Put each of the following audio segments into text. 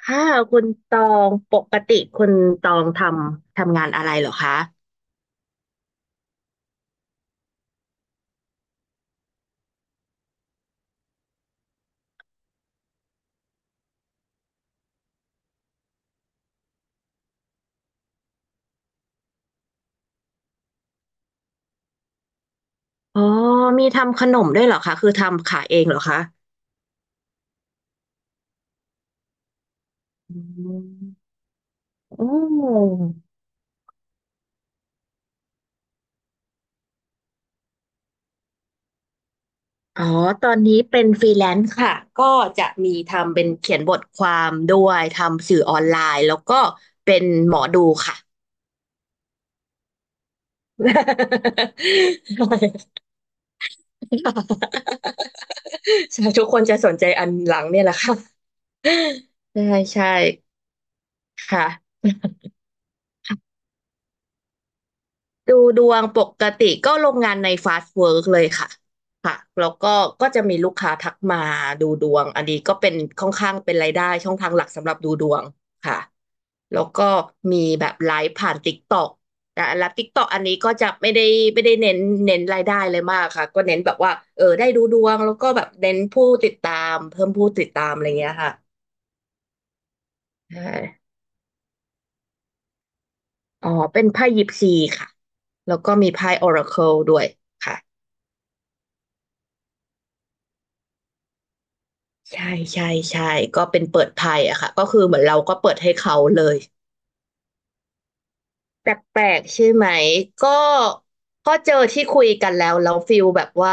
ค่ะคุณตองปกติคุณตองทำงานอะไรเหรอคะอ๋อมีทำขนมด้วยเหรอคะคือทำขายเองเหรอคะอืมโออ๋อตอนนี้เป็นฟรีแลนซ์ค่ะก็จะมีทำเป็นเขียนบทความด้วยทำสื่อออนไลน์แล้วก็เป็นหมอดูค่ะ ใช่ทุกคนจะสนใจอันหลังเนี่ยแหละค่ะใช่ใช่ค่ะ ดูดวงปกติก็โรงงานในฟาสต์เวิร์กเลยค่ะค่ะแล้วก็จะมีลูกค้าทักมาดูดวงอันนี้ก็เป็นค่อนข้างเป็นรายได้ช่องทางหลักสำหรับดูดวงค่ะแล้วก็มีแบบไลฟ์ผ่าน t ิ k กต k อนะแล้วติ๊กตอกอันนี้ก็จะไม่ได้เน้นรายได้เลยมากค่ะก็เน้นแบบว่าเออได้ดูดวงแล้วก็แบบเน้นผู้ติดตามเพิ่มผู้ติดตามอะไรเงี้ยค่ะใช่อ๋อเป็นไพ่ยิปซีค่ะแล้วก็มีไพ่ออราเคิลด้วยค่ะ ใช่ใช่ใช่ก็เป็นเปิดไพ่อะค่ะก็คือเหมือนเราก็เปิดให้เขาเลยแปลกๆใช่ไหมก็ก็เจอที่คุยกันแล้วฟิลแบบว่า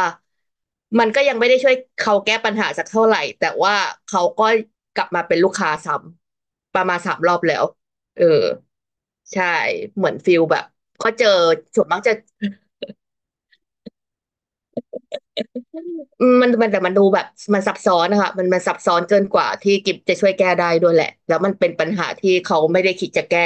ก็ยังไม่ได้ช่วยเขาแก้ปัญหาสักเท่าไหร่แต่ว่าเขาก็กลับมาเป็นลูกค้าซ้ำประมาณสามรอบแล้วเออใช่เหมือนฟิลแบบก็เจอส่วนมากจะ อืมมันแต่มันดูแบบมันซับซ้อนนะคะมันซับซ้อนเกินกว่าที่กิฟจะช่วยแก้ได้ด้วยแหละแล้วมันเป็นปัญหาที่เขาไม่ได้คิดจะแก้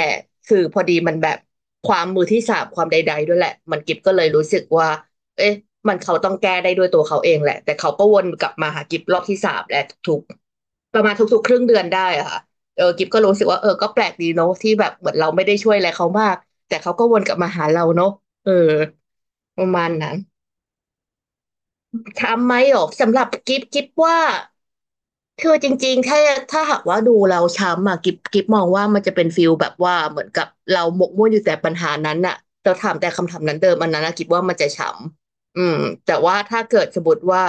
คือพอดีมันแบบความมือที่สามความใดๆด้วยแหละมันกิฟก็เลยรู้สึกว่าเอ๊ะมันเขาต้องแก้ได้ด้วยตัวเขาเองแหละแต่เขาก็วนกลับมาหากิฟรอบที่สามแหละทุกๆประมาณทุกๆครึ่งเดือนได้อะค่ะเออกิฟก็รู้สึกว่าเออก็แปลกดีเนาะที่แบบเหมือนเราไม่ได้ช่วยอะไรเขามากแต่เขาก็วนกลับมาหาเราเนาะเออประมาณนั้น ทำไหมหรอสำหรับกิฟกิฟว่า คือจริงๆถ้าหากว่าดูเราช้ำอะกิฟมองว่ามันจะเป็นฟิลแบบว่าเหมือนกับเราหมกมุ่นอยู่แต่ปัญหานั้นน่ะเราถามแต่คำถามนั้นเดิมอันนั้นนะกิฟว่ามันจะช้ำอืมแต่ว่าถ้าเกิดสมมติว่า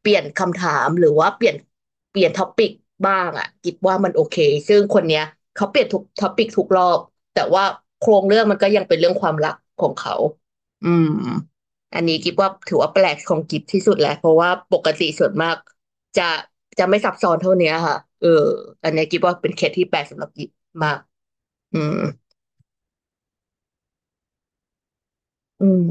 เปลี่ยนคำถามหรือว่าเปลี่ยนท็อปิกบ้างอะกิฟว่ามันโอเคซึ่งคนเนี้ยเขาเปลี่ยนทุกท็อปิกทุกรอบแต่ว่าโครงเรื่องมันก็ยังเป็นเรื่องความรักของเขาอืมอันนี้กิฟว่าถือว่าแปลกของกิฟที่สุดแหละเพราะว่าปกติส่วนมาก จะจะไม่ซับซ้อนเท่าเนี้ยค่ะเอออันเนี้ยกิ๊บว่าเป็นเคสที่แปลกสำหรับกิ๊บมากอืมอืม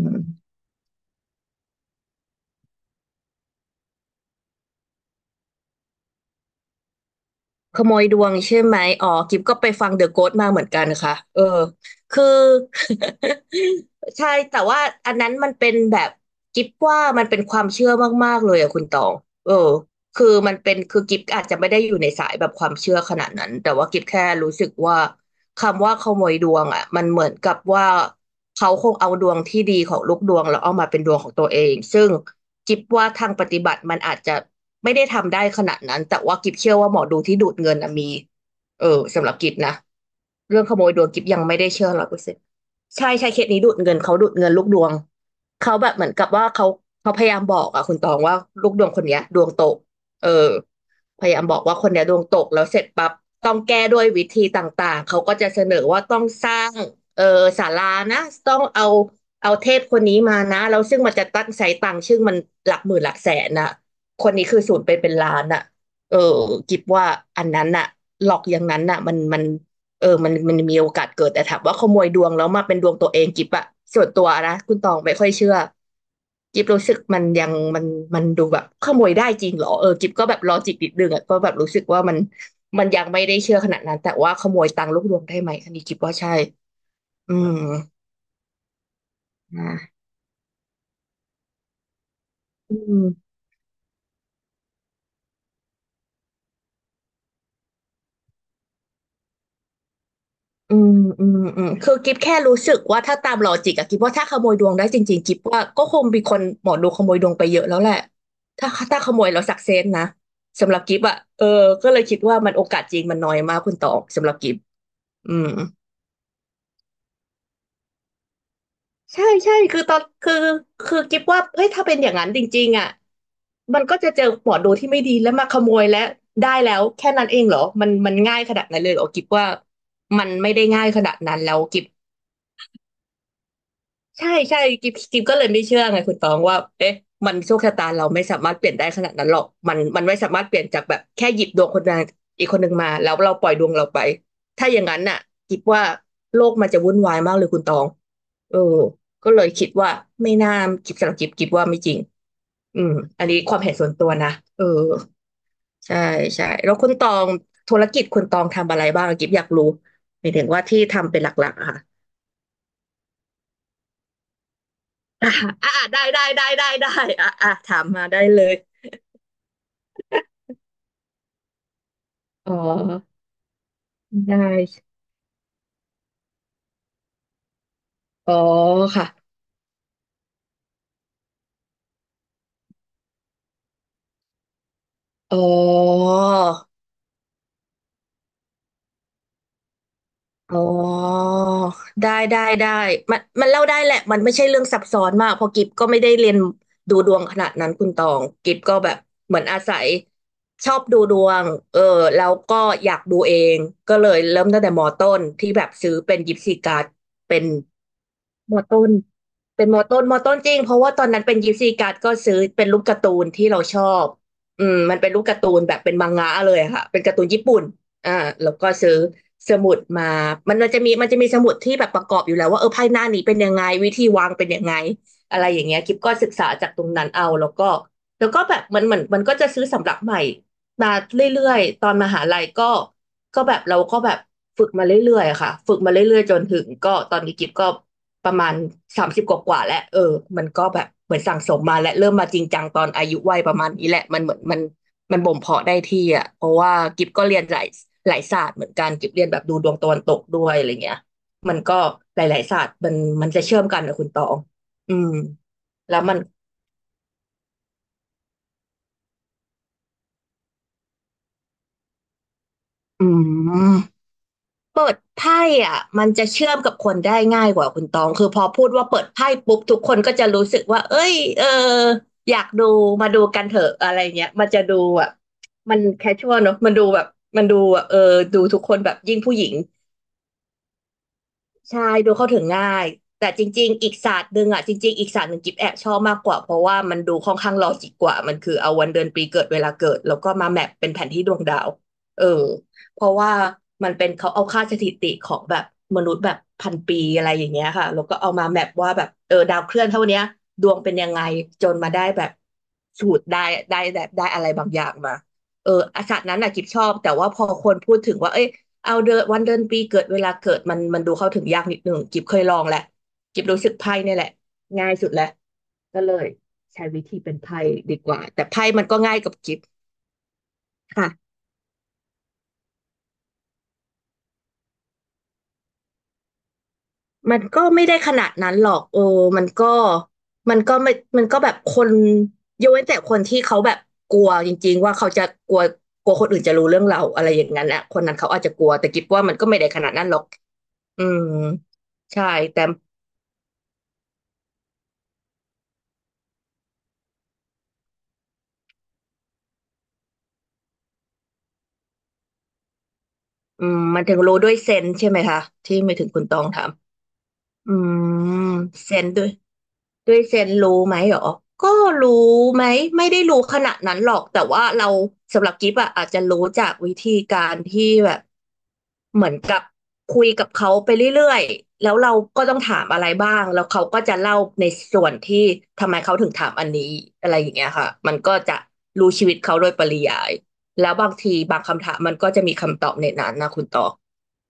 ขโมยดวงใช่ไหมอ๋อกิฟก็ไปฟังเดอะโก s t มาเหมือนกันค่ะเออคือ ใช่แต่ว่าอันนั้นมันเป็นแบบกิฟว่ามันเป็นความเชื่อมากๆเลยอะคุณตองเออคือมันเป็นคือกิฟอาจจะไม่ได้อยู่ในสายแบบความเชื่อขนาดนั้นแต่ว่ากิฟแค่รู้สึกว่าคำว่าขโมยดวงอะมันเหมือนกับว่าเขาคงเอาดวงที่ดีของลูกดวงแล้วเอามาเป็นดวงของตัวเองซึ่งกิฟว่าทางปฏิบัติมันอาจจะ ไม่ได้ทำได้ขนาดนั้นแต่ว่ากิบเชื่อว่าหมอดูที่ดูดเงินนะมีเออสำหรับกิบนะ เรื่องขโมยดวงกิฟยังไม่ได้เชื่อ100%ใช่ใช่เคสนี้ดูดเงินเขาดูดเงินลูกดวง เขาแบบเหมือนกับว่าเขาพยายามบอกอะคุณตองว่าลูกดวงคนเนี้ยดวงตกเออพยายามบอกว่าคนเนี้ยดวงตกแล้วเสร็จปั๊บต้องแก้ด้วยวิธีต่างๆเขาก็จะเสนอว่าต้องสร้างเออศาลานะต้องเอาเทพคนนี้มานะแล้วซึ่งมันจะตั้งใช้ตังค์ซึ่งมันหลักหมื่นหลักแสนน่ะคนนี้คือสูญไปนเป็นล้านน่ะเออกิบว่าอันนั้นน่ะหลอกอย่างนั้นน่ะมัน เออมันมีโอกาสเกิดแต่ถามว่าขโมยดวงแล้วมาเป็นดวงตัวเองกิบอะส่วนตัวนะคุณตองไม่ค่อยเชื่อกิบรู้สึกมันยังมันมันดูแบบขโมยได้จริงเหรอเออกิบก็แบบลอจิกนิดนึงอะก็แบบรู้สึกว่ามันยังไม่ได้เชื่อขนาดนั้นแต่ว่าขโมยตังค์ลูกดวงได้ไหมอันนี้กิบว่าใช่อืมนะอืม อืมอืมอืมคือกิฟแค่รู้สึกว่าถ้าตามลอจิกอะกิฟว่าถ้าขโมยดวงได้จริงๆกิฟว่าก็คงมีคนหมอดูขโมยดวงไปเยอะแล้วแหละถ้าขโมยแล้วสักเซนนะสำหรับกิฟอะเออก็เลยคิดว่ามันโอกาสจริงมันน้อยมากคุณตองสำหรับกิฟอืมใช่ใช่คือคือกิฟว่าเฮ้ยถ้าเป็นอย่างนั้นจริงๆอะมันก็จะเจอหมอดูที่ไม่ดีแล้วมาขโมยและได้แล้วแค่นั้นเองเหรอมันง่ายขนาดนั้นเลยเหรอกิฟว่ามันไม่ได้ง่ายขนาดนั้นแล้วกิฟ ใช่ใช่กิฟก็เลยไม่เชื่อไงคุณตองว่าเอ๊ะมันโชคชะตาเราไม่สามารถเปลี่ยนได้ขนาดนั้นหรอกมันไม่สามารถเปลี่ยนจากแบบแค่หยิบดวงคนใดอีกคนหนึ่งมาแล้วเราปล่อยดวงเราไปถ้าอย่างนั้นน่ะกิฟว่าโลกมันจะวุ่นวายมากเลยคุณตองเออก็เลยคิดว่าไม่น่ากิฟสำหรับกิฟว่าไม่จริงอืมอันนี้ความเห็นส่วนตัวนะเออใช่ใช่แล้วคุณตองธุรกิจคุณตองทำอะไรบ้างกิฟอยากรู้หมายถึงว่าที่ทำเป็นหลักๆอะค่ะ อ่าอ่าได้ได้ได้ได้ได้อ่าอ่าถามมาได้เลยอ๋อได้อ๋อค่ะอ๋ออ๋อได้ได้ได้มันมันเล่าได้แหละมันไม่ใช่เรื่องซับซ้อนมากเพราะกิฟก็ไม่ได้เรียนดูดวงขนาดนั้นคุณตองกิฟก็แบบเหมือนอาศัยชอบดูดวงเออแล้วก็อยากดูเองก็เลยเริ่มตั้งแต่มอต้นที่แบบซื้อเป็นยิปซีการ์ดเป็น มอต้นเป็นมอต้นมอต้นจริงเพราะว่าตอนนั้นเป็นยิปซีการ์ดก็ซื้อเป็นรูปการ์ตูนที่เราชอบอืมมันเป็นรูปการ์ตูนแบบเป็นมังงะเลยอะค่ะเป็นการ์ตูนญี่ปุ่นอ่าแล้วก็ซื้อสมุดมามันจะมีมันจะมีสมุดที่แบบประกอบอยู่แล้วว่าเออไพ่หน้านี้เป็นยังไงวิธีวางเป็นยังไงอะไรอย่างเงี้ยกิฟก็ศึกษาจากตรงนั้นเอาแล้วก็แล้วก็แบบมันเหมือนมันก็จะซื้อสำรับใหม่มาเรื่อยๆตอนมหาลัยก็แบบเราก็แบบฝึกมาเรื่อยๆอะค่ะฝึกมาเรื่อยๆจนถึงก็ตอนนี้กิฟก็ ประมาณ30กว่าๆแล้วเออมันก็แบบเหมือนสั่งสมมาและเริ่มมาจริงจังตอนอายุวัยประมาณนี้แหละมันเหมือนมันมันบ่มเพาะได้ที่อ่ะเพราะว่ากิฟก็เรียนหลายหลายศาสตร์เหมือนกันกิฟเรียนแบบดูดวงตะวันตกด้วยอะไรเงี้ยมันก็หลายๆศาสตร์มันจะเชื่อมกันนะคุณตองอืมแล้วมันอืม เปิดไพ่อ่ะมันจะเชื่อมกับคนได้ง่ายกว่าคุณตองคือพอพูดว่าเปิดไพ่ปุ๊บทุกคนก็จะรู้สึกว่าเอ้ยเอออยากดูมาดูกันเถอะอะไรเงี้ยมันจะดูแบบมันแคชชวลเนอะมันดูแบบมันดูแบบเออดูทุกคนแบบยิ่งผู้หญิง ใช่ดูเข้าถึงง่ายแต่จริงๆอีกศาสตร์หนึ่งอ่ะจริงๆอีกศาสตร์หนึ่งกิ๊บแอบชอบมากกว่าเพราะว่ามันดูค่อนข้างลอจิกกว่ามันคือเอาวันเดือนปีเกิดเวลาเกิดแล้วก็มาแมปเป็นแผนที่ดวงดาวเออเพราะว่ามันเป็นเขาเอาค่าสถิติของแบบมนุษย์แบบพันปีอะไรอย่างเงี้ยค่ะแล้วก็เอามาแมปว่าแบบเออดาวเคลื่อนเท่าเนี้ยดวงเป็นยังไงจนมาได้แบบสูตรได้ได้แบบได้อะไรบางอย่างมาเอออาศาสตร์นั้นน่ะกิบชอบแต่ว่าพอคนพูดถึงว่าเอ้ย เอาเดือนวันเดือนปีเกิดเวลาเกิดมันดูเข้าถึงยากนิดหนึ่งกิบเคยลองแหละกิบรู้สึกไพ่เนี่ยแหละง่ายสุดแหละก็เลยใช้วิธีเป็นไพ่ดีกว่าแต่ไพ่มันก็ง่ายกับกิบค่ะมันก็ไม่ได้ขนาดนั้นหรอกเออมันก็มันก็ไม่มันก็แบบคนยกเว้นแต่คนที่เขาแบบกลัวจริงๆว่าเขาจะกลัวกลัวคนอื่นจะรู้เรื่องเราอะไรอย่างนั้นอ่ะคนนั้นเขาอาจจะกลัวแต่กิบว่ามันก็ไม่ได้ขนาดนั้นหรอกอืมใช่แต่ อืมมันถึงรู้ด้วยเซนส์ใช่ไหมคะที่ไม่ถึงคุณตองถามอืมเซนส์ด้วยด้วยเซนส์รู้ไหมเหรอก็รู้ไหมไม่ได้รู้ขนาดนั้นหรอกแต่ว่าเราสำหรับกิฟอะอาจจะรู้จากวิธีการที่แบบเหมือนกับคุยกับเขาไปเรื่อยๆแล้วเราก็ต้องถามอะไรบ้างแล้วเขาก็จะเล่าในส่วนที่ทำไมเขาถึงถามอันนี้อะไรอย่างเงี้ยค่ะมันก็จะรู้ชีวิตเขาโดยปริยายแล้วบางทีบางคำถามมันก็จะมีคำตอบในนั้นนะคุณต่อ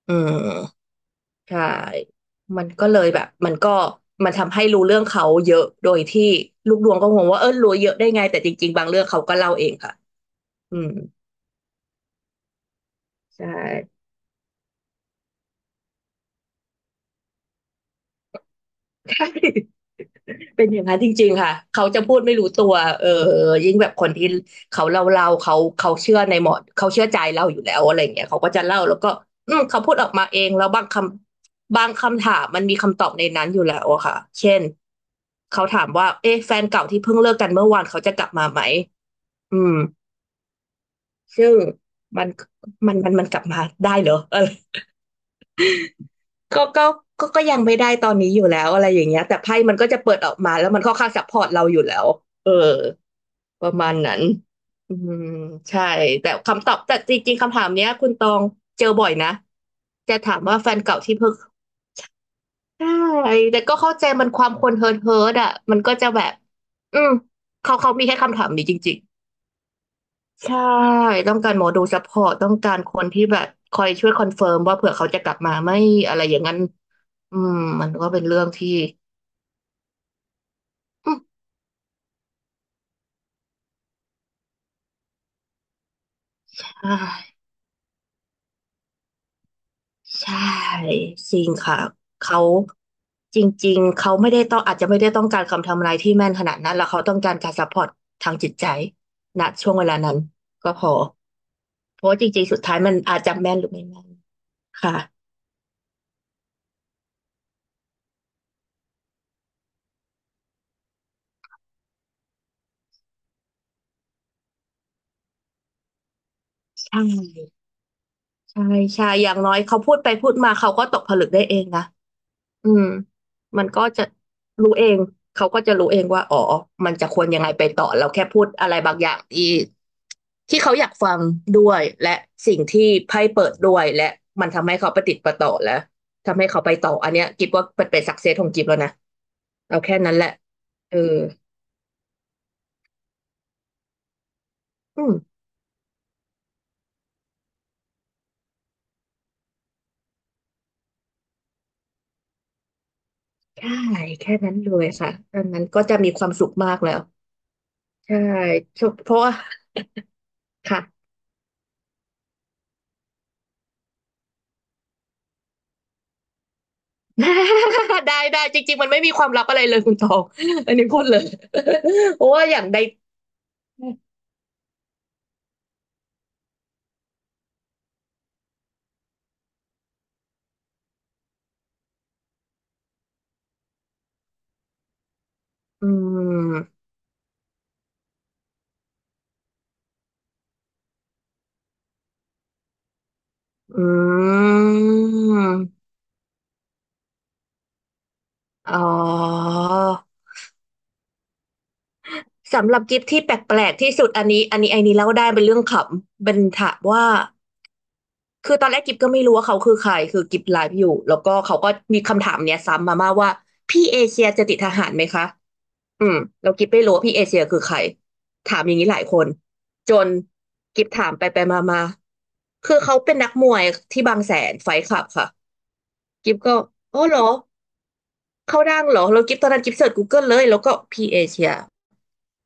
อืมใช่มันก็เลยแบบมันก็มันทำให้รู้เรื่องเขาเยอะโดยที่ลูกดวงก็งงว่าเออรู้เยอะได้ไงแต่จริงๆบางเรื่องเขาก็เล่าเองค่ะอืมใช่ ใช่ เป็นอย่างนั้นจริงๆค่ะเขาจะพูดไม่รู้ตัวเออยิ่งแบบคนที่เขาเล่าเขาเชื่อในหมอเขาเชื่อใจเราอยู่แล้วอะไรอย่างเงี้ยเขาก็จะเล่าแล้วก็อืมเขาพูดออกมาเองแล้วบางคำถามมันมีคำตอบในนั้นอยู่แล้วอะค่ะเช่นเขาถามว่าเอ๊ะแฟนเก่าที่เพิ่งเลิกกันเมื่อวานเขาจะกลับมาไหมอืมซึ่งมันมันกลับมาได้เหรอเอะไร ก็ก็ก็ยังไม่ได้ตอนนี้อยู่แล้วอะไรอย่างเงี้ยแต่ไพ่มันก็จะเปิดออกมาแล้วมันค่อนข้างซัพพอร์ตเราอยู่แล้วเออประมาณนั้นอืมใช่แต่คำตอบแต่จริงๆคำถามเนี้ยคุณตองเจอบ่อยนะจะถามว่าแฟนเก่าที่เพิ่งใช่แต่ก็เข้าใจมันความคนเฮิร์ทเฮิร์ทอ่ะมันก็จะแบบอืมเขาเขามีแค่คำถามนี้จริงๆใช่ต้องการหมอดูซัพพอร์ตต้องการคนที่แบบคอยช่วยคอนเฟิร์มว่าเผื่อเขาจะกลับมาไหมอะไรอย่างนั้น อืมมันก็เป็นเรื่องที่อืมอ่าใช่จริงค่ะเขาจริงๆเขาไม่ได้ต้องอาจจะไม่ได้ต้องการคำทำนายที่แม่นขนาดนั้นแล้วเขาต้องการการซัพพอร์ตทางจิตใจณช่วงเวลานั้นก็พอเพราะว่าจริงๆสุดท้ายมันอาจจะแม่นหรือไม่แม่นค่ะใช่ใช่ใช่อย่างน้อยเขาพูดไปพูดมาเขาก็ตกผลึกได้เองนะ อืมมันก็จะรู้เองเขาก็จะรู้เองว่าอ๋อมันจะควรยังไงไปต่อเราแค่พูดอะไรบางอย่างที่ที่เขาอยากฟังด้วยและสิ่งที่ไพ่เปิดด้วยและมันทำให้เขาประติดประต่อและทำให้เขาไปต่ออันเนี้ยกิบว่าเป็นเป็นสักเซสของกิบแล้วนะเอาแค่นั้นแหละเอออืมใช่แค่นั้นเลยค่ะอันนั้นก็จะมีความสุขมากแล้วใช่เพราะว่าค่ะ ได้ได้จริงๆมันไม่มีความลับอะไรเลยคุณตอง อันนี้พูดเลย เพราะว่าอย่างใดอืมอืมอ๋อสำหรับกิฟที่แปลกๆที่สุดอันนี้อันนี้ไอ้นี้เล่าได้เป็นเรื่องขำเป็นถามว่าคือตอนแรกกิฟก็ไม่รู้ว่าเขาคือใครคือกิฟไลฟ์อยู่แล้วก็เขาก็มีคำถามเนี้ยซ้ำมาว่าพี่เอเชียจะติดทหารไหมคะ อืมเรากิ๊บไม่รู้ว่าพี่เอเชียคือใครถามอย่างนี้หลายคนจนกิ๊บถามไปมาคือเขาเป็นนักมวยที่บางแสนไฟท์คลับค่ะกิบก็อ๋อเหรอเขาดังเหรอแล้วกิบตอนนั้นกิบเสิร์ช Google เลยแล้วก็พี่เอเชีย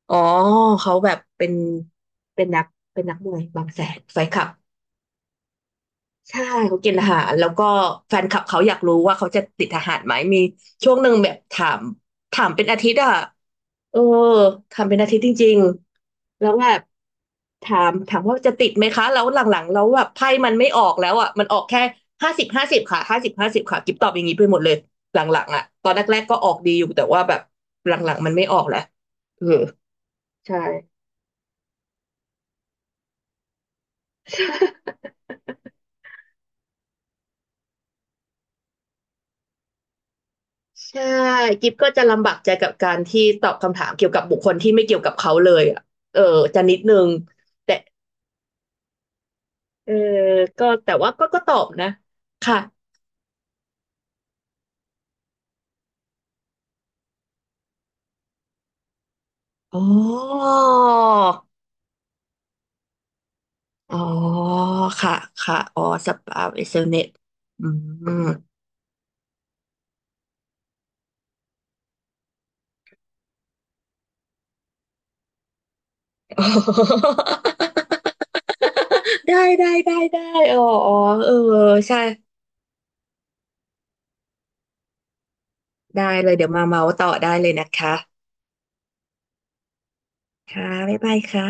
อ๋อเขาแบบเป็นนักเป็นนักมวยบางแสนไฟท์คลับใช่เขากินอาหารแล้วก็แฟนคลับเขาอยากรู้ว่าเขาจะติดทหารไหมมีช่วงหนึ่งแบบถามเป็นอาทิตย์อะ เออทำเป็นอาทิตย์จริงๆแล้วแบบถามว่าจะติดไหมคะแล้วหลังๆแล้วแบบไพ่มันไม่ออกแล้วอ่ะมันออกแค่ห้าสิบห้าสิบค่ะห้าสิบห้าสิบค่ะกิ๊บตอบอย่างนี้ไปหมดเลยหลังๆอ่ะตอนแรกๆก็ออกดีอยู่แต่ว่าแบบหลังๆมันไม่ออกแล้วเออใช่ ใช่กิฟก็จะลำบากใจกับการที่ตอบคำถามเกี่ยวกับบุคคลที่ไม่เกี่ยวกับเขาเลยอ่ะเออจะนิดนึงแต่เออก็แต่ว่าก็ก็ตอบนะค่ะอ๋อ อ๋อค่ะค่ะอ๋อสปาเอเซอเน็ตอืม อ๋อได้ได้ได้ได้อ๋ออ๋อเออใช่ได้เลยเดี๋ยวมาเมาส์ต่อได้เลยนะคะค่ะบ๊ายบายค่ะ